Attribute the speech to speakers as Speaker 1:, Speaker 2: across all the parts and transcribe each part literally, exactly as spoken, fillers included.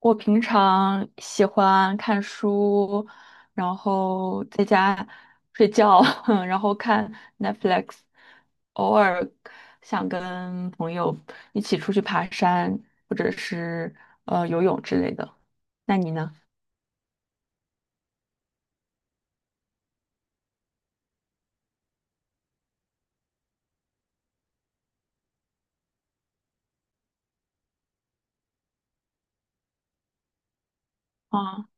Speaker 1: 我平常喜欢看书，然后在家睡觉，然后看 Netflix，偶尔想跟朋友一起出去爬山，或者是呃游泳之类的。那你呢？啊，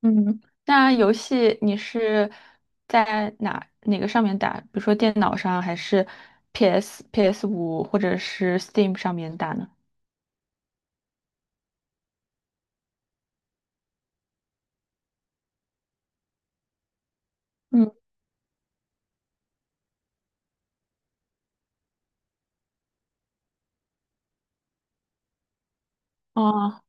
Speaker 1: 嗯，那游戏你是在哪哪个上面打？比如说电脑上，还是 PS PS 五或者是 Steam 上面打呢？嗯，啊。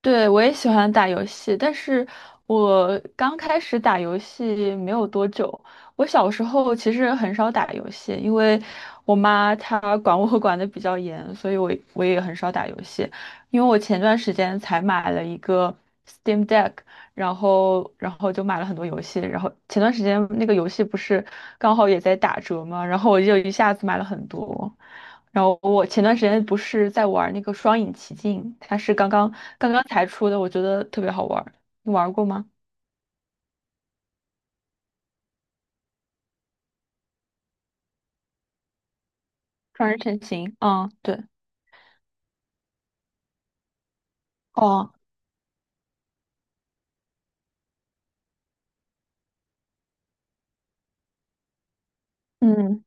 Speaker 1: 对，我也喜欢打游戏，但是我刚开始打游戏没有多久。我小时候其实很少打游戏，因为我妈她管我 管得比较严，所以我我也很少打游戏。因为我前段时间才买了一个 Steam Deck，然后然后就买了很多游戏，然后前段时间那个游戏不是刚好也在打折嘛，然后我就一下子买了很多。然后我前段时间不是在玩那个《双影奇境》，它是刚刚刚刚才出的，我觉得特别好玩儿你玩过吗？《双人成行》啊，对，哦，嗯，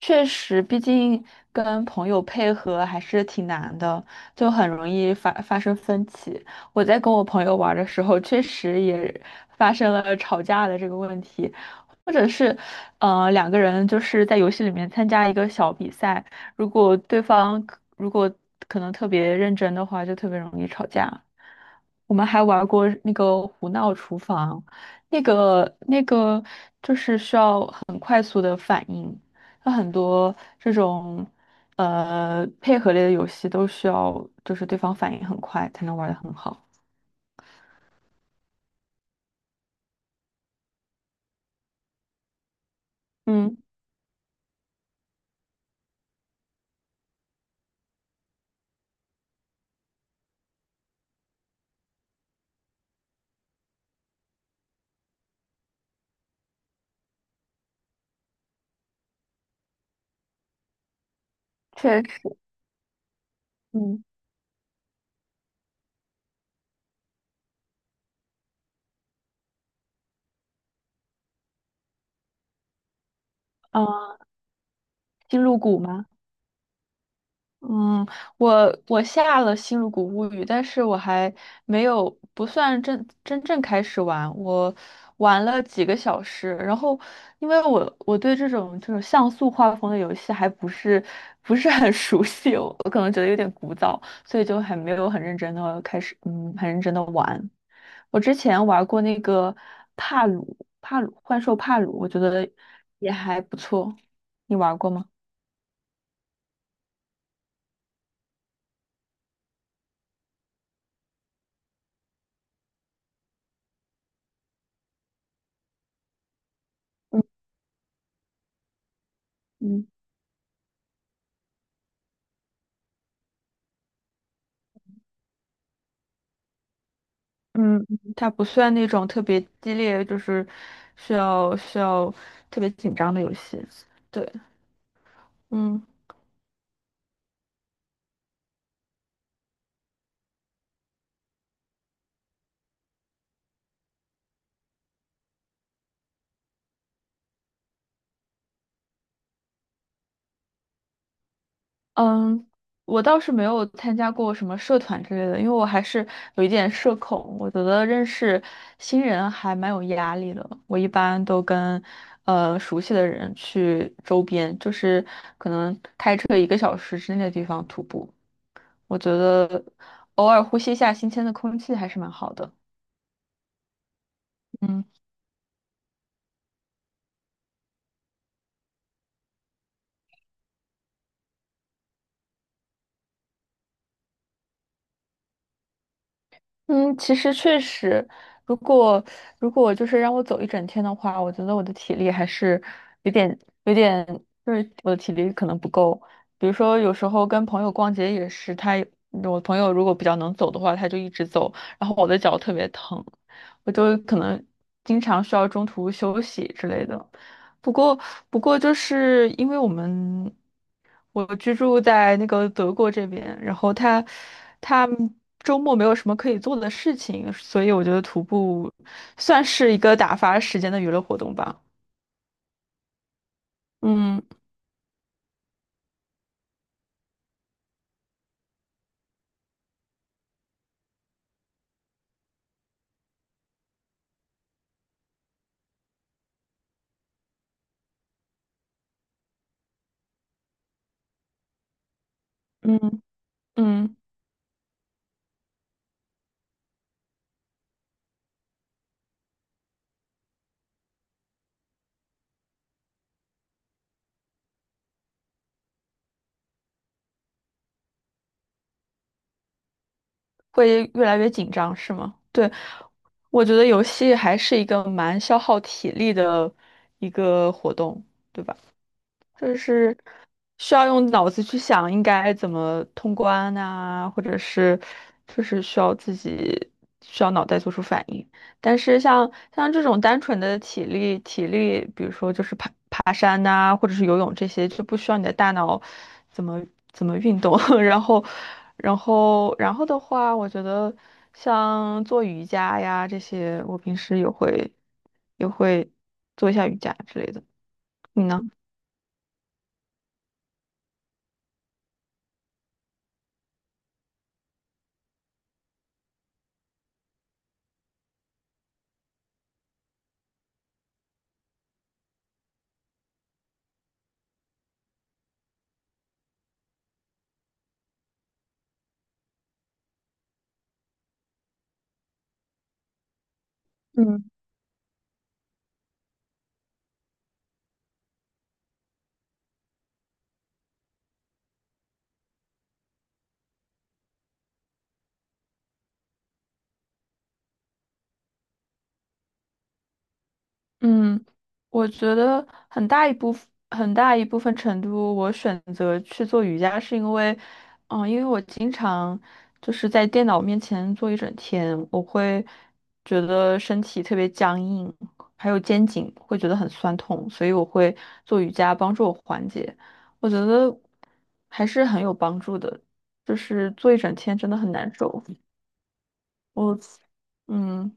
Speaker 1: 确实，毕竟跟朋友配合还是挺难的，就很容易发发生分歧。我在跟我朋友玩儿的时候，确实也发生了吵架的这个问题，或者是，呃，两个人就是在游戏里面参加一个小比赛，如果对方如果可能特别认真的话，就特别容易吵架。我们还玩过那个胡闹厨房，那个那个就是需要很快速的反应。它很多这种呃配合类的游戏都需要就是对方反应很快才能玩得很好。嗯，确实，嗯，啊，星露谷吗？嗯，我我下了《星露谷物语》，但是我还没有不算真真正开始玩，我玩了几个小时，然后因为我我对这种这种像素画风的游戏还不是不是很 熟悉，我我可能觉得有点古早，所以就还没有很认真的开始，嗯，很认真的玩。我之前玩过那个帕鲁帕鲁幻兽帕鲁，我觉得也还不错，你玩过吗？嗯嗯嗯，嗯它不算那种特别激烈，就是需要需要特别紧张的游戏。对，嗯嗯，我倒是没有参加过什么社团之类的，因为我还是有一点社恐，我觉得认识新人还蛮有压力的。我一般都跟呃熟悉的人去周边，就是可能开车一个小时之内的地方徒步，我觉得偶尔呼吸一下新鲜的空气还是蛮好的。嗯。嗯，其实确实，如果如果就是让我走一整天的话，我觉得我的体力还是有点有点，就是我的体力可能不够。比如说，有时候跟朋友逛街也是，他我朋友如果比较能走的话，他就一直走，然后我的脚特别疼。我就可能经常需要中途休息之类的。不过，不过就是因为我们我居住在那个德国这边，然后他他周末没有什么可以做的事情，所以我觉得徒步算是一个打发时间的娱乐活动吧。嗯嗯嗯，会越来越紧张，是吗？对，我觉得游戏还是一个蛮消耗体力的一个活动，对吧？就是需要用脑子去想应该怎么通关呐、或者是就是需要自己需要脑袋做出反应。但是像像这种单纯的体力体力，比如说就是爬爬山呐、或者是游泳这些，就不需要你的大脑怎么怎么运动。然后然后然后的话，我觉得像做瑜伽呀这些，我平时也会也会做一下瑜伽之类的。你呢？嗯。嗯，我觉得很大一部分很大一部分程度，我选择去做瑜伽，是因为，嗯，因为我经常就是在电脑面前坐一整天，我会觉得身体特别僵硬，还有肩颈会觉得很酸痛，所以我会做瑜伽帮助我缓解。我觉得还是很有帮助的，就是坐一整天真的很难受。我，嗯。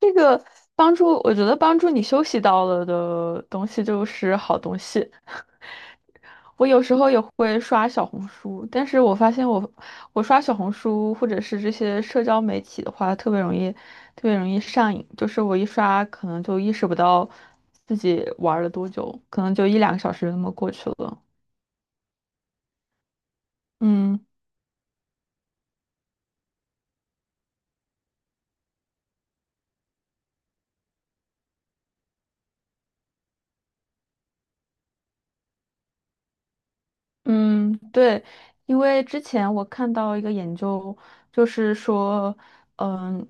Speaker 1: 这个帮助，我觉得帮助你休息到了的东西就是好东西。我有时候也会刷小红书，但是我发现我我刷小红书或者是这些社交媒体的话，特别容易特别容易上瘾。就是我一刷，可能就意识不到自己玩了多久，可能就一两个小时就那么过去了。嗯。嗯，对，因为之前我看到一个研究，就是说，嗯，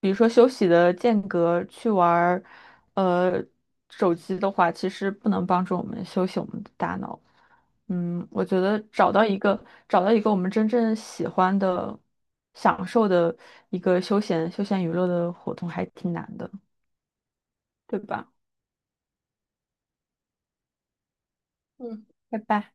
Speaker 1: 比如说休息的间隔去玩儿，呃，手机的话，其实不能帮助我们休息我们的大脑。嗯，我觉得找到一个找到一个我们真正喜欢的、享受的一个休闲休闲娱乐的活动还挺难的，对吧？嗯，拜拜。